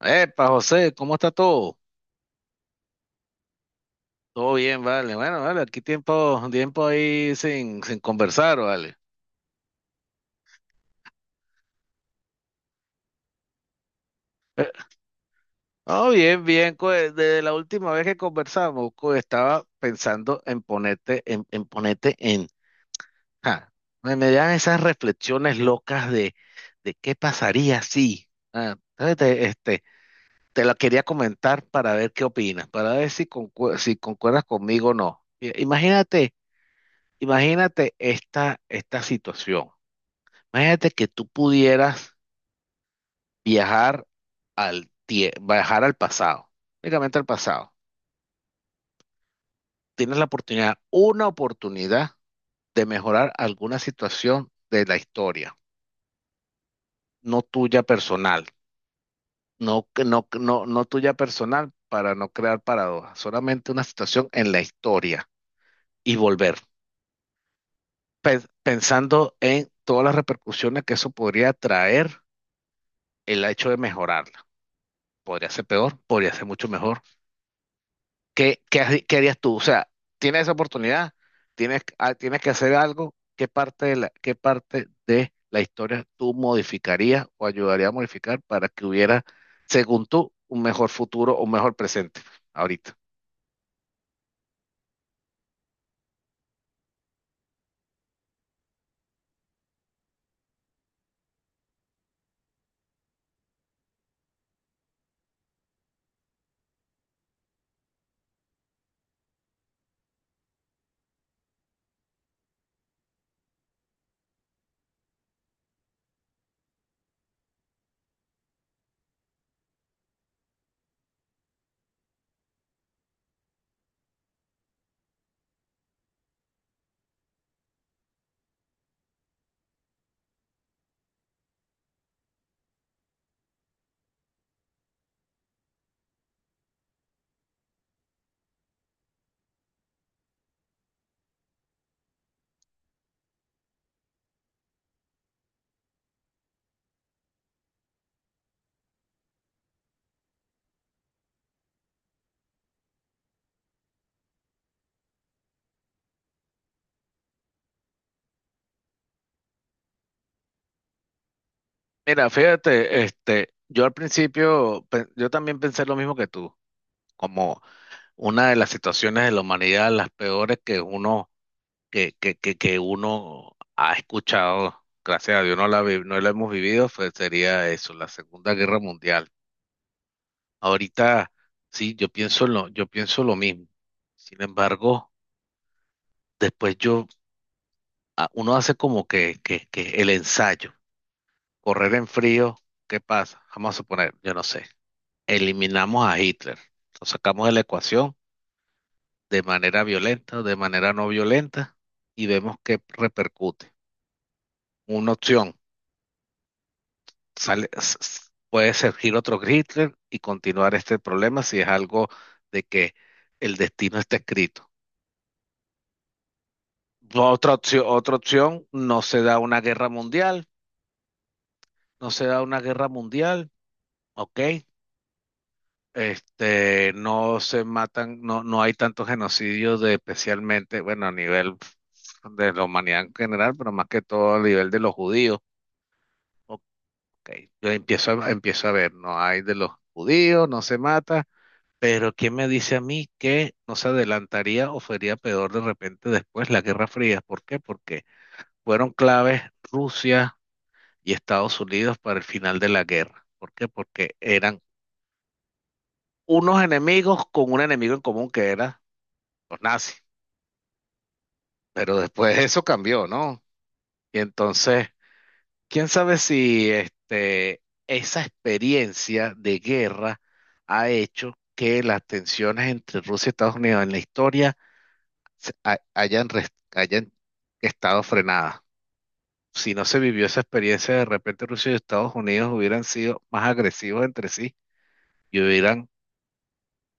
Epa, José, ¿cómo está todo? Todo bien, vale. Bueno, vale, aquí tiempo ahí sin conversar, vale. No, bien, bien. Desde la última vez que conversamos, estaba pensando en ponerte, en ponerte en. Ja, Me dan esas reflexiones locas de qué pasaría si. Entonces te la quería comentar para ver qué opinas, para ver si concuerdas conmigo o no. Imagínate, imagínate esta situación. Imagínate que tú pudieras viajar, viajar al pasado, únicamente al pasado. Tienes la oportunidad, una oportunidad de mejorar alguna situación de la historia, no tuya personal, no tuya personal para no crear paradojas, solamente una situación en la historia y volver, pensando en todas las repercusiones que eso podría traer el hecho de mejorarla. Podría ser peor, podría ser mucho mejor. ¿Qué harías tú? O sea, tienes esa oportunidad, tienes que hacer algo. ¿Qué parte de la, qué parte de la historia tú modificarías o ayudarías a modificar para que hubiera, según tú, un mejor futuro o un mejor presente ahorita? Mira, fíjate, este, yo al principio, yo también pensé lo mismo que tú, como una de las situaciones de la humanidad, las peores que uno ha escuchado, gracias a Dios no no la hemos vivido, sería eso, la Segunda Guerra Mundial. Ahorita, sí, yo pienso lo mismo. Sin embargo, después yo, uno hace como que el ensayo, correr en frío, ¿qué pasa? Vamos a suponer, yo no sé, eliminamos a Hitler, lo sacamos de la ecuación de manera violenta o de manera no violenta y vemos qué repercute. Una opción sale, s- s- puede surgir otro Hitler y continuar este problema si es algo de que el destino está escrito. Otra opción, no se da una guerra mundial, no se da una guerra mundial, ok. Este, no se matan, no, no hay tantos genocidios de especialmente, bueno, a nivel de la humanidad en general, pero más que todo a nivel de los judíos. Ok, empiezo a ver, no hay de los judíos, no se mata. Pero ¿qué me dice a mí que no se adelantaría o sería peor de repente después la Guerra Fría? ¿Por qué? Porque fueron claves Rusia y Estados Unidos para el final de la guerra. ¿Por qué? Porque eran unos enemigos con un enemigo en común que era los nazis. Pero después eso cambió, ¿no? Y entonces, quién sabe si este, esa experiencia de guerra ha hecho que las tensiones entre Rusia y Estados Unidos en la historia hayan estado frenadas. Si no se vivió esa experiencia, de repente Rusia y Estados Unidos hubieran sido más agresivos entre sí y hubieran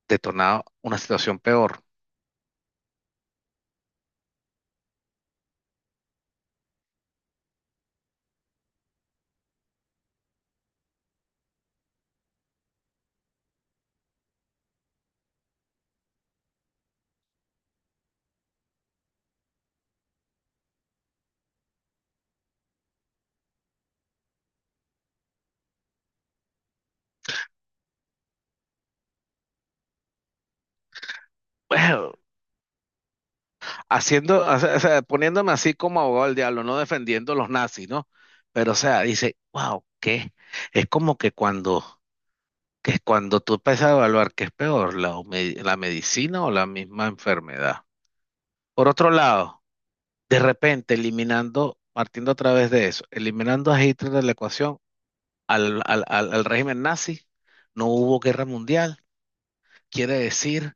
detonado una situación peor. Bueno, haciendo, o sea, poniéndome así como abogado del diablo, no defendiendo a los nazis, ¿no? Pero, o sea, dice, wow, ¿qué? Es como que que cuando tú empiezas a evaluar qué es peor, la medicina o la misma enfermedad. Por otro lado, de repente, eliminando, partiendo a través de eso, eliminando a Hitler de la ecuación, al régimen nazi, no hubo guerra mundial. Quiere decir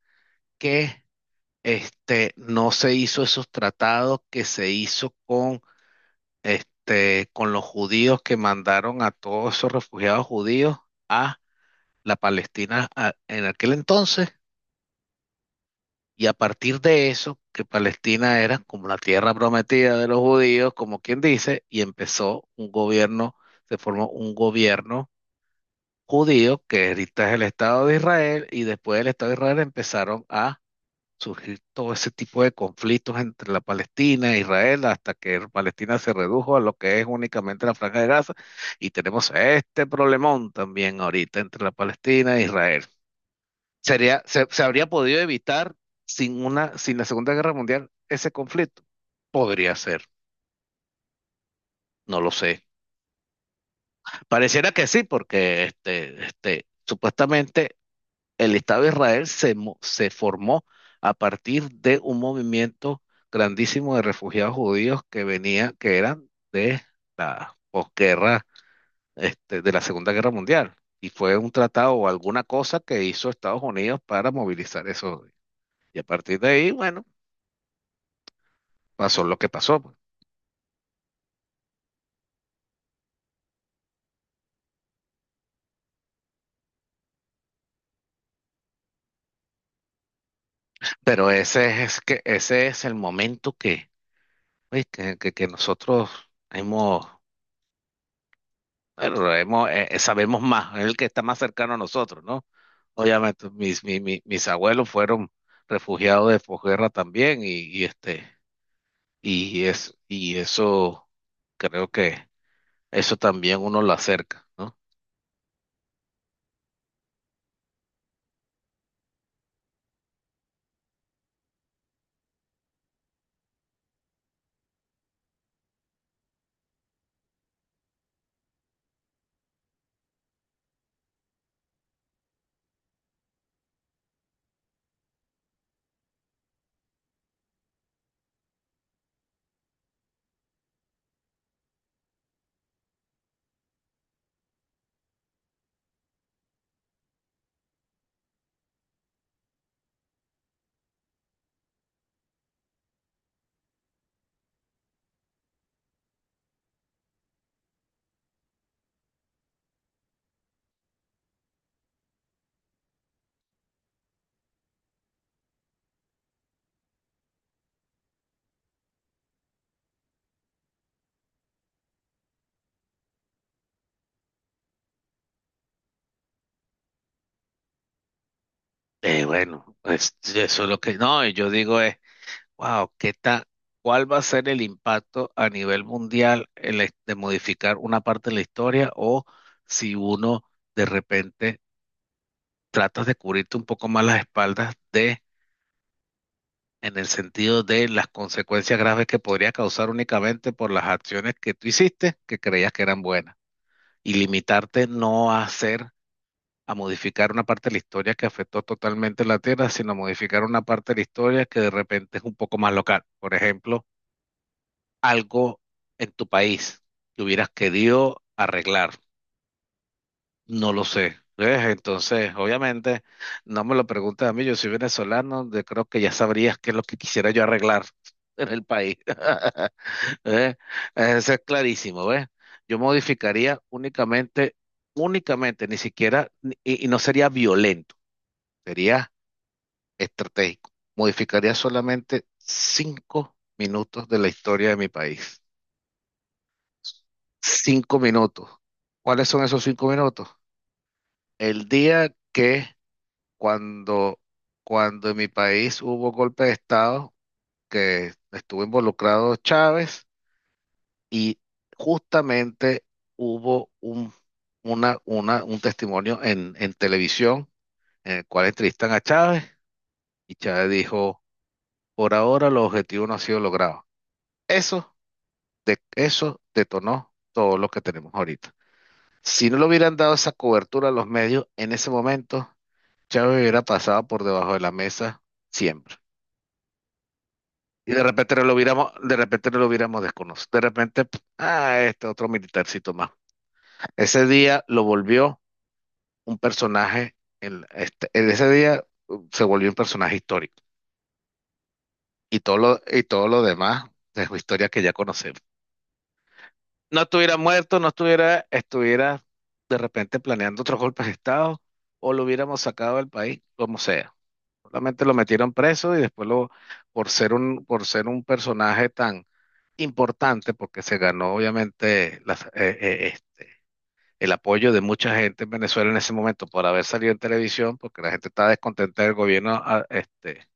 que este, no se hizo esos tratados que se hizo con, este, con los judíos que mandaron a todos esos refugiados judíos a la Palestina en aquel entonces. Y a partir de eso, que Palestina era como la tierra prometida de los judíos, como quien dice, y empezó un gobierno, se formó un gobierno judío, que ahorita es el Estado de Israel, y después del Estado de Israel empezaron a surgir todo ese tipo de conflictos entre la Palestina e Israel, hasta que Palestina se redujo a lo que es únicamente la Franja de Gaza, y tenemos este problemón también ahorita entre la Palestina e Israel. Se, se habría podido evitar sin una, sin la Segunda Guerra Mundial ese conflicto. Podría ser, no lo sé. Pareciera que sí, porque este, supuestamente el Estado de Israel se formó a partir de un movimiento grandísimo de refugiados judíos que venía, que eran de la posguerra, este, de la Segunda Guerra Mundial. Y fue un tratado o alguna cosa que hizo Estados Unidos para movilizar eso. Y a partir de ahí, bueno, pasó lo que pasó, pues. Pero ese es que ese es el momento que, oye, que nosotros hemos, bueno, hemos sabemos más, es el que está más cercano a nosotros, ¿no? Obviamente, mis abuelos fueron refugiados de posguerra también, y este, y eso creo que eso también uno lo acerca, ¿no? Bueno, eso es lo que, no, y yo digo es wow, ¿qué tal? ¿Cuál va a ser el impacto a nivel mundial de modificar una parte de la historia o si uno de repente tratas de cubrirte un poco más las espaldas de, en el sentido de las consecuencias graves que podría causar únicamente por las acciones que tú hiciste que creías que eran buenas y limitarte no a hacer, a modificar una parte de la historia que afectó totalmente la Tierra, sino modificar una parte de la historia que de repente es un poco más local? Por ejemplo algo en tu país que hubieras querido arreglar. No lo sé. ¿Ves? Entonces, obviamente, no me lo preguntes a mí, yo soy venezolano, creo que ya sabrías qué es lo que quisiera yo arreglar en el país. ¿Ves? Eso es clarísimo, ¿ves? Yo modificaría únicamente, únicamente, ni siquiera, y no sería violento, sería estratégico. Modificaría solamente cinco minutos de la historia de mi país. Cinco minutos. ¿Cuáles son esos cinco minutos? El día cuando, cuando en mi país hubo golpe de Estado, que estuvo involucrado Chávez y justamente hubo un testimonio en televisión en el cual entrevistan a Chávez y Chávez dijo, por ahora el objetivo no ha sido logrado. Eso, eso detonó todo lo que tenemos ahorita. Si no le hubieran dado esa cobertura a los medios, en ese momento Chávez hubiera pasado por debajo de la mesa siempre. Y de repente no lo hubiéramos, de repente no lo hubiéramos desconocido. De repente, este otro militarcito más. Ese día lo volvió un personaje, en ese día se volvió un personaje histórico. Y todo lo demás es historia que ya conocemos. No estuviera muerto, no estuviera, estuviera de repente planeando otros golpes de Estado, o lo hubiéramos sacado del país, como sea. Solamente lo metieron preso y después lo, por ser un personaje tan importante, porque se ganó obviamente el apoyo de mucha gente en Venezuela en ese momento por haber salido en televisión, porque la gente estaba descontenta del gobierno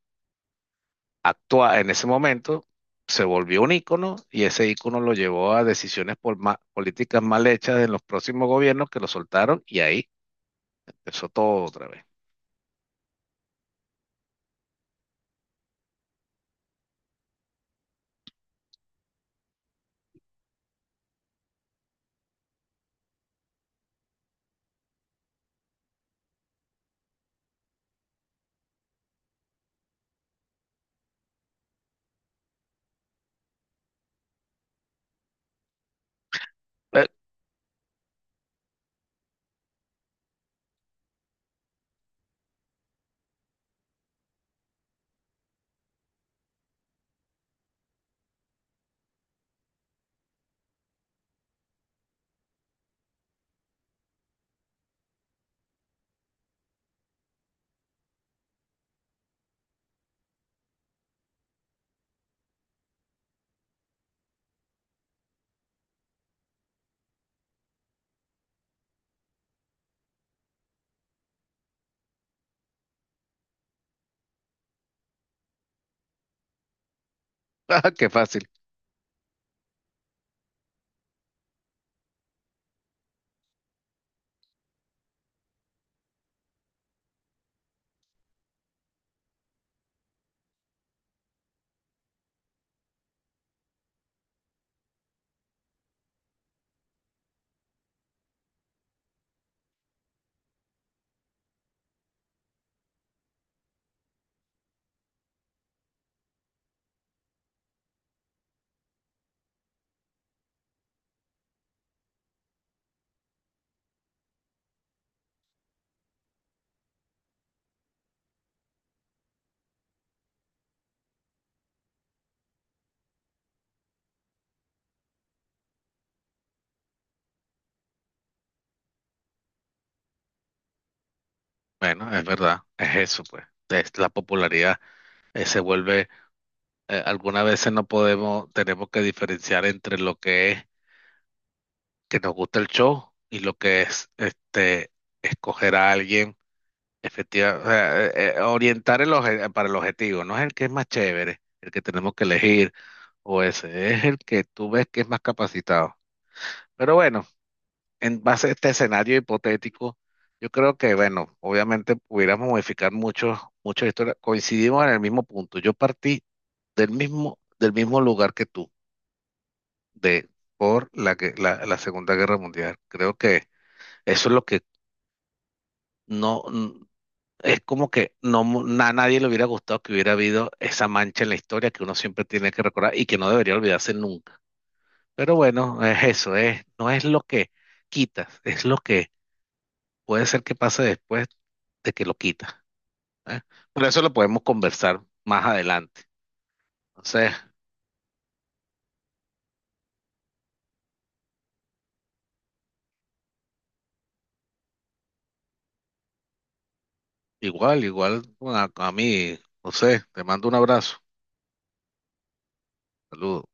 actual en ese momento, se volvió un ícono y ese ícono lo llevó a decisiones por políticas mal hechas en los próximos gobiernos que lo soltaron y ahí empezó todo otra vez. Qué fácil. Bueno, es verdad, es eso, pues. Es la popularidad se vuelve, algunas veces no podemos, tenemos que diferenciar entre lo que es que nos gusta el show y lo que es este escoger a alguien, efectivamente, orientar para el objetivo, no es el que es más chévere, el que tenemos que elegir, o ese, es el que tú ves que es más capacitado. Pero bueno, en base a este escenario hipotético, yo creo que, bueno, obviamente pudiéramos modificar mucho, mucho la historia. Coincidimos en el mismo punto. Yo partí del mismo lugar que tú, de por la, que- la, la Segunda Guerra Mundial. Creo que eso es lo que no, n- es como que a nadie le hubiera gustado que hubiera habido esa mancha en la historia que uno siempre tiene que recordar y que no debería olvidarse nunca. Pero bueno, es eso, es, no es lo que quitas, es lo que puede ser que pase después de que lo quita, ¿eh? Pero eso lo podemos conversar más adelante. Entonces, igual, igual bueno, a mí, no sé, te mando un abrazo. Saludos.